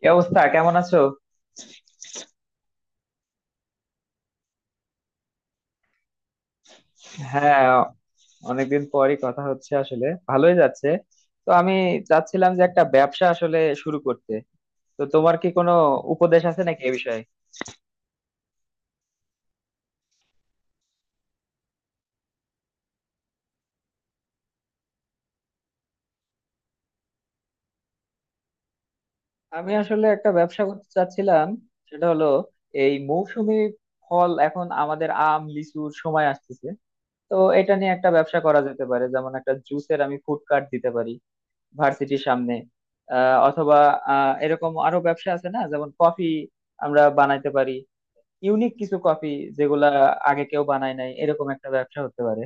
কি অবস্থা? কেমন আছো? হ্যাঁ, অনেকদিন পরই কথা হচ্ছে। আসলে ভালোই যাচ্ছে। তো আমি চাচ্ছিলাম যে একটা ব্যবসা আসলে শুরু করতে। তো তোমার কি কোনো উপদেশ আছে নাকি এ বিষয়ে? আমি আসলে একটা ব্যবসা করতে চাচ্ছিলাম, সেটা হলো এই মৌসুমী ফল। এখন আমাদের আম লিচুর সময় আসতেছে, তো এটা নিয়ে একটা ব্যবসা করা যেতে পারে। যেমন একটা জুসের, আমি ফুড কার্ট দিতে পারি ভার্সিটির সামনে। অথবা এরকম আরো ব্যবসা আছে না, যেমন কফি আমরা বানাইতে পারি, ইউনিক কিছু কফি, যেগুলা আগে কেউ বানায় নাই। এরকম একটা ব্যবসা হতে পারে।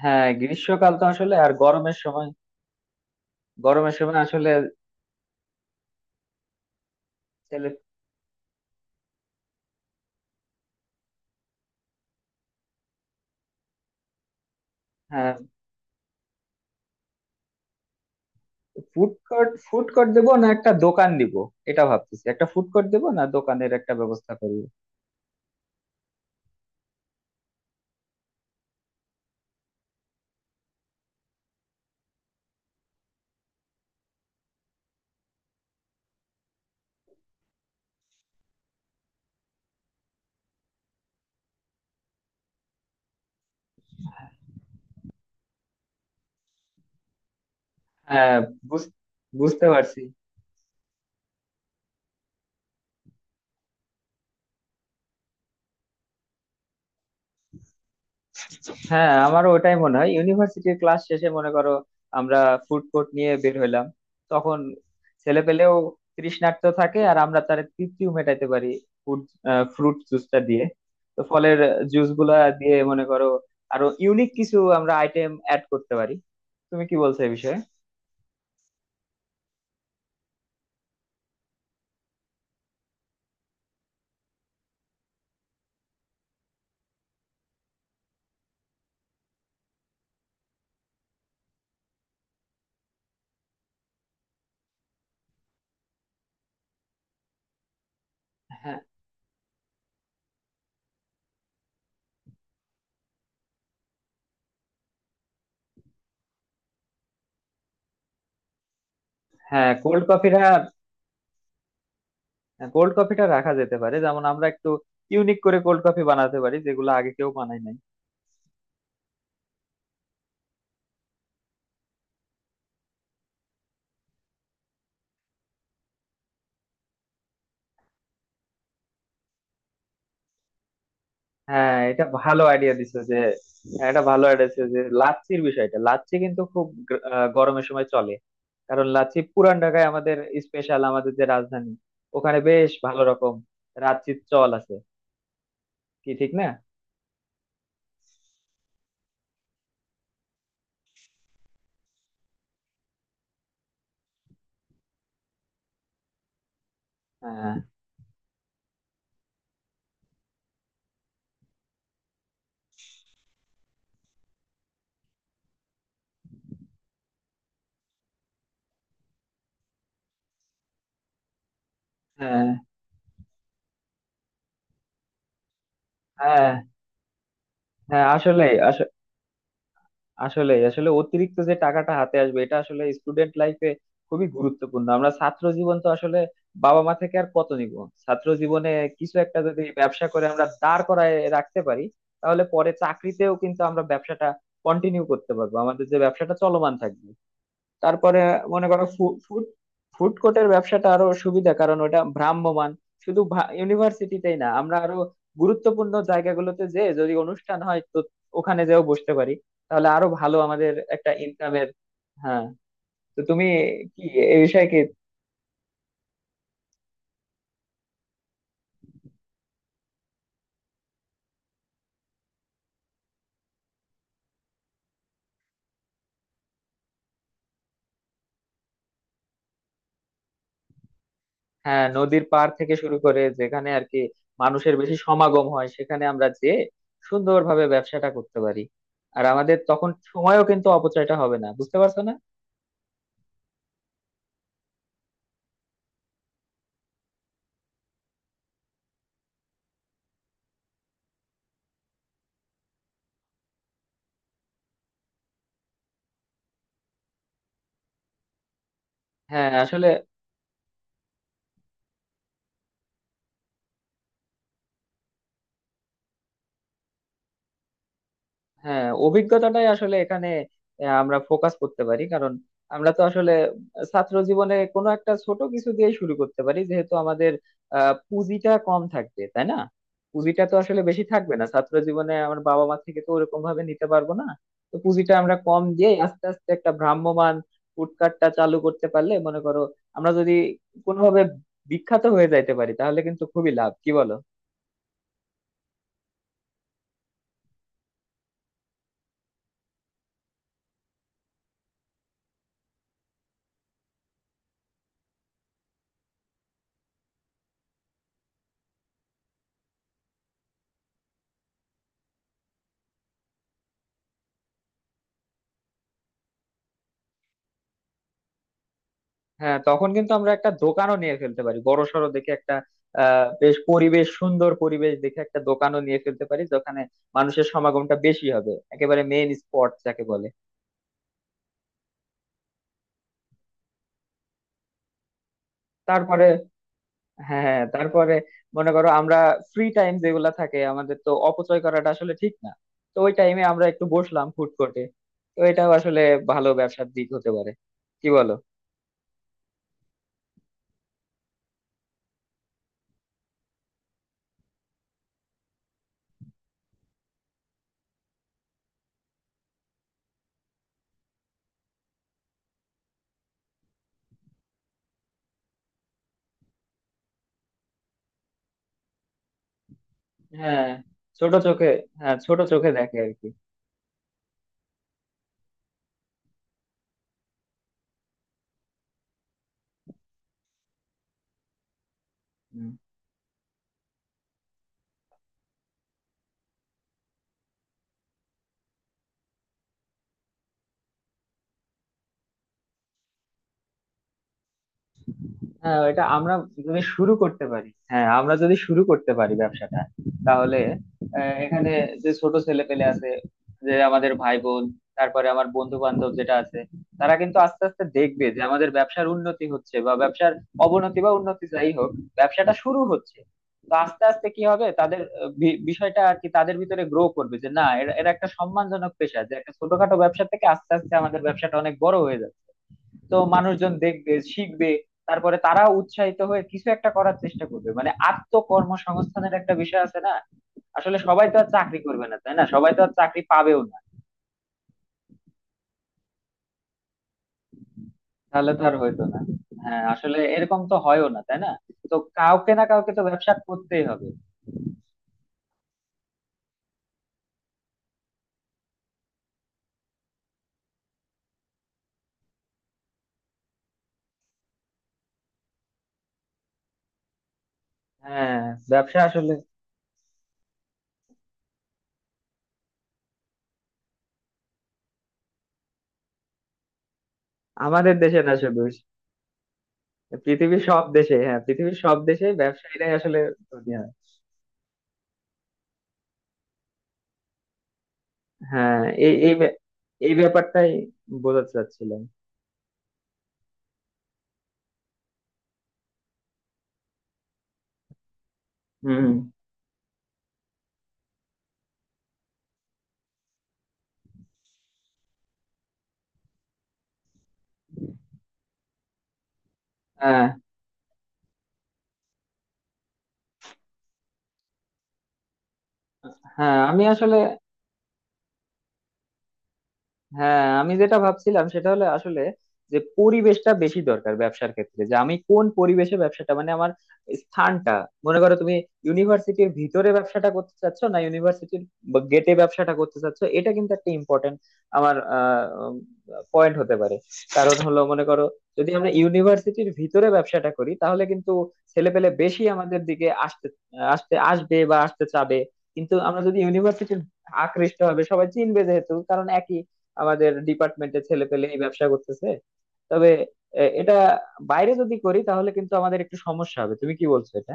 হ্যাঁ, গ্রীষ্মকাল তো, আসলে আর গরমের সময়। গরমের সময় আসলে ছেলে। হ্যাঁ, ফুড কোর্ট, ফুড কোর্ট দেবো না, একটা দোকান দিব। এটা ভাবতেছি, একটা ফুড কোর্ট দেবো না, দোকানের একটা ব্যবস্থা করবো। হ্যাঁ, বুঝ- বুঝতে পারছি। হ্যাঁ, আমারও ওটাই মনে হয়। ইউনিভার্সিটির ক্লাস শেষে মনে করো আমরা ফুড কোর্ট নিয়ে বের হইলাম, তখন ছেলে পেলেও তৃষ্ণার্ত থাকে, আর আমরা তার তৃপ্তিও মেটাতে পারি ফুড ফ্রুট জুসটা দিয়ে। তো ফলের জুস গুলা দিয়ে মনে করো আরো ইউনিক কিছু আমরা আইটেম অ্যাড করতে পারি। তুমি কি বলছো এই বিষয়ে? হ্যাঁ হ্যাঁ, কোল্ড কফিটা, কোল্ড কফিটা রাখা যেতে পারে। যেমন আমরা একটু ইউনিক করে কোল্ড কফি বানাতে পারি, যেগুলো আগে কেউ বানায় নাই। হ্যাঁ, এটা ভালো আইডিয়া দিছো যে, হ্যাঁ, এটা ভালো আইডিয়া দিছো যে লাচ্ছির বিষয়টা। লাচ্ছি কিন্তু খুব গরমের সময় চলে। কারণ লাচ্ছি পুরান ঢাকায় আমাদের স্পেশাল, আমাদের যে রাজধানী, ওখানে বেশ ভালো রকম লাচ্ছির চল আছে, কি ঠিক না? হ্যাঁ হ্যাঁ হ্যাঁ হ্যাঁ, আসলে আসলে আসলে অতিরিক্ত যে টাকাটা হাতে আসবে, এটা আসলে স্টুডেন্ট লাইফে খুবই গুরুত্বপূর্ণ। আমরা ছাত্র জীবন, তো আসলে বাবা মা থেকে আর কত নিব? ছাত্র জীবনে কিছু একটা যদি ব্যবসা করে আমরা দাঁড় করায় রাখতে পারি, তাহলে পরে চাকরিতেও কিন্তু আমরা ব্যবসাটা কন্টিনিউ করতে পারবো, আমাদের যে ব্যবসাটা চলমান থাকবে। তারপরে মনে করো ফুড ফুড কোর্টের ব্যবসাটা আরো সুবিধা, কারণ ওটা ভ্রাম্যমান। শুধু ইউনিভার্সিটিতেই না, আমরা আরো গুরুত্বপূর্ণ জায়গাগুলোতে, যে যদি অনুষ্ঠান হয়, তো ওখানে যেও বসতে পারি। তাহলে আরো ভালো আমাদের একটা ইনকামের। হ্যাঁ, তো তুমি কি এই বিষয়ে কি? হ্যাঁ, নদীর পার থেকে শুরু করে যেখানে আর কি মানুষের বেশি সমাগম হয়, সেখানে আমরা যে সুন্দরভাবে ব্যবসাটা করতে পারি। আর আমাদের তখন সময়ও কিন্তু অপচয়টা হবে না, বুঝতে পারছো না? হ্যাঁ, আসলে হ্যাঁ, অভিজ্ঞতাটাই আসলে এখানে আমরা ফোকাস করতে পারি। কারণ আমরা তো আসলে ছাত্র জীবনে কোনো একটা ছোট কিছু দিয়ে শুরু করতে পারি, যেহেতু আমাদের পুঁজিটা কম থাকবে, তাই না? পুঁজিটা তো আসলে বেশি থাকবে না ছাত্র জীবনে, আমার বাবা মা থেকে তো ওরকম ভাবে নিতে পারবো না। তো পুঁজিটা আমরা কম দিয়ে আস্তে আস্তে একটা ভ্রাম্যমাণ ফুডকার্টটা চালু করতে পারলে মনে করো, আমরা যদি কোনোভাবে বিখ্যাত হয়ে যাইতে পারি, তাহলে কিন্তু খুবই লাভ, কি বলো? হ্যাঁ, তখন কিন্তু আমরা একটা দোকানও নিয়ে ফেলতে পারি, বড়সড় দেখে একটা। বেশ পরিবেশ, সুন্দর পরিবেশ দেখে একটা দোকানও নিয়ে ফেলতে পারি, যেখানে মানুষের সমাগমটা বেশি হবে, একেবারে মেইন স্পট যাকে বলে। তারপরে হ্যাঁ হ্যাঁ, তারপরে মনে করো আমরা ফ্রি টাইম যেগুলা থাকে, আমাদের তো অপচয় করাটা আসলে ঠিক না। তো ওই টাইমে আমরা একটু বসলাম ফুড কোর্টে। তো এটাও আসলে ভালো ব্যবসার দিক হতে পারে, কি বলো? হ্যাঁ, ছোট চোখে, হ্যাঁ, ছোট চোখে দেখে আর কি। হ্যাঁ, এটা আমরা যদি শুরু করতে পারি, হ্যাঁ, আমরা যদি শুরু করতে পারি ব্যবসাটা, তাহলে এখানে যে ছোট ছেলে পেলে আছে, যে আমাদের ভাই বোন, তারপরে আমার বন্ধু বান্ধব যেটা আছে, তারা কিন্তু আস্তে আস্তে দেখবে যে আমাদের ব্যবসার উন্নতি হচ্ছে, বা ব্যবসার অবনতি বা উন্নতি যাই হোক, ব্যবসাটা শুরু হচ্ছে। তো আস্তে আস্তে কি হবে, তাদের বিষয়টা আর কি তাদের ভিতরে গ্রো করবে, যে না, এরা এরা একটা সম্মানজনক পেশা, যে একটা ছোটখাটো ব্যবসা থেকে আস্তে আস্তে আমাদের ব্যবসাটা অনেক বড় হয়ে যাবে। তো মানুষজন দেখবে, শিখবে, তারপরে তারা উৎসাহিত হয়ে কিছু একটা করার চেষ্টা করবে। মানে আত্মকর্মসংস্থানের একটা বিষয় আছে না, আসলে সবাই তো আর চাকরি করবে না, তাই না? সবাই তো আর চাকরি পাবেও না, তাহলে তো আর হইতো না। হ্যাঁ, আসলে এরকম তো হয়ও না, তাই না? তো কাউকে না কাউকে তো ব্যবসা করতেই হবে। হ্যাঁ, ব্যবসা আসলে আমাদের দেশে না শুধু, পৃথিবীর সব দেশে, হ্যাঁ, পৃথিবীর সব দেশে ব্যবসায়ীরাই আসলে ধনী হয়। হ্যাঁ, এই এই ব্যা- এই ব্যাপারটাই বোঝাতে চাচ্ছিলাম। হম। হ্যাঁ হ্যাঁ, আমি আসলে, হ্যাঁ, আমি যেটা ভাবছিলাম সেটা হলো আসলে যে পরিবেশটা বেশি দরকার ব্যবসার ক্ষেত্রে, যে আমি কোন পরিবেশে ব্যবসাটা, মানে আমার স্থানটা, মনে করো তুমি ইউনিভার্সিটির ভিতরে ব্যবসাটা করতে চাচ্ছ, না ইউনিভার্সিটির গেটে ব্যবসাটা করতে চাচ্ছ, এটা কিন্তু একটা ইম্পর্টেন্ট আমার পয়েন্ট হতে পারে। কারণ হলো মনে করো, যদি আমরা ইউনিভার্সিটির ভিতরে ব্যবসাটা করি, তাহলে কিন্তু ছেলেপেলে বেশি আমাদের দিকে আসতে আসতে আসবে বা আসতে চাবে। কিন্তু আমরা যদি ইউনিভার্সিটির আকৃষ্ট হবে, সবাই চিনবে, যেহেতু কারণ একই আমাদের ডিপার্টমেন্টের ছেলে পেলে এই ব্যবসা করতেছে। তবে এটা বাইরে যদি করি, তাহলে কিন্তু আমাদের একটু সমস্যা হবে। তুমি কি বলছো এটা?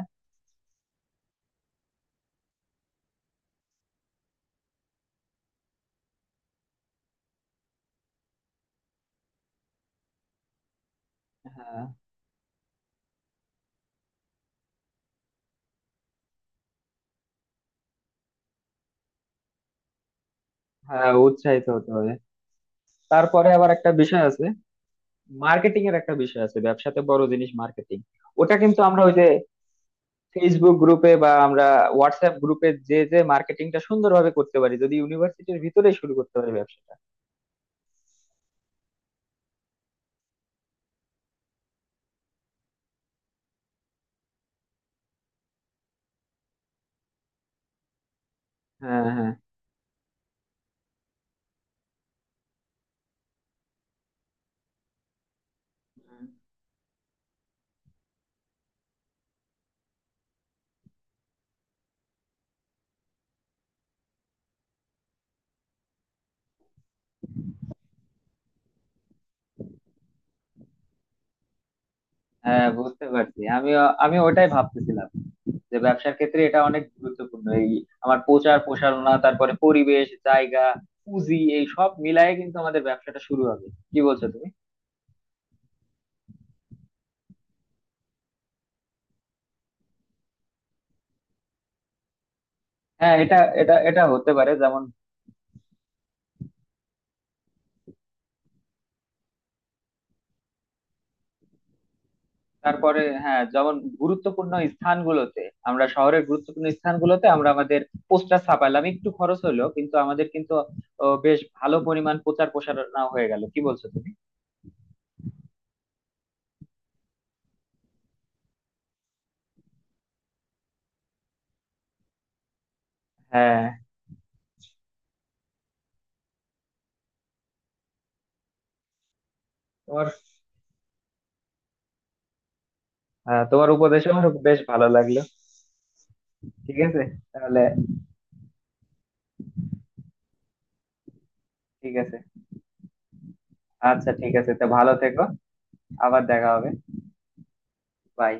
হ্যাঁ হ্যাঁ, উৎসাহিত হতে হবে। তারপরে আবার একটা বিষয় আছে, মার্কেটিং এর একটা বিষয় আছে, ব্যবসাতে বড় জিনিস মার্কেটিং। ওটা কিন্তু আমরা ওই যে ফেসবুক গ্রুপে বা আমরা হোয়াটসঅ্যাপ গ্রুপে যে যে মার্কেটিংটা সুন্দরভাবে করতে পারি, যদি ইউনিভার্সিটির ভিতরেই শুরু করতে পারি ব্যবসাটা। হ্যাঁ হ্যাঁ, হ্যাঁ, বুঝতে পারছি। আমিও, আমি ওটাই ভাবতেছিলাম যে ব্যবসার ক্ষেত্রে এটা অনেক গুরুত্বপূর্ণ, এই আমার প্রচার প্রসারণা, তারপরে পরিবেশ, জায়গা, পুঁজি, এই সব মিলায়ে কিন্তু আমাদের ব্যবসাটা শুরু হবে। কি বলছো তুমি? হ্যাঁ, এটা এটা এটা হতে পারে, যেমন তারপরে হ্যাঁ, যেমন গুরুত্বপূর্ণ স্থানগুলোতে, আমরা শহরের গুরুত্বপূর্ণ স্থানগুলোতে আমরা আমাদের পোস্টার ছাপাইলাম, একটু খরচ হলো, কিন্তু আমাদের কিন্তু ও, বেশ ভালো পরিমাণ প্রচার প্রসারণা হয়ে গেল। কি বলছো তুমি? হ্যাঁ, তোমার, হ্যাঁ, তোমার উপদেশ আমার বেশ ভালো লাগলো। ঠিক আছে। তাহলে ঠিক আছে। আচ্ছা, ঠিক আছে, তো ভালো থেকো। আবার দেখা হবে। বাই।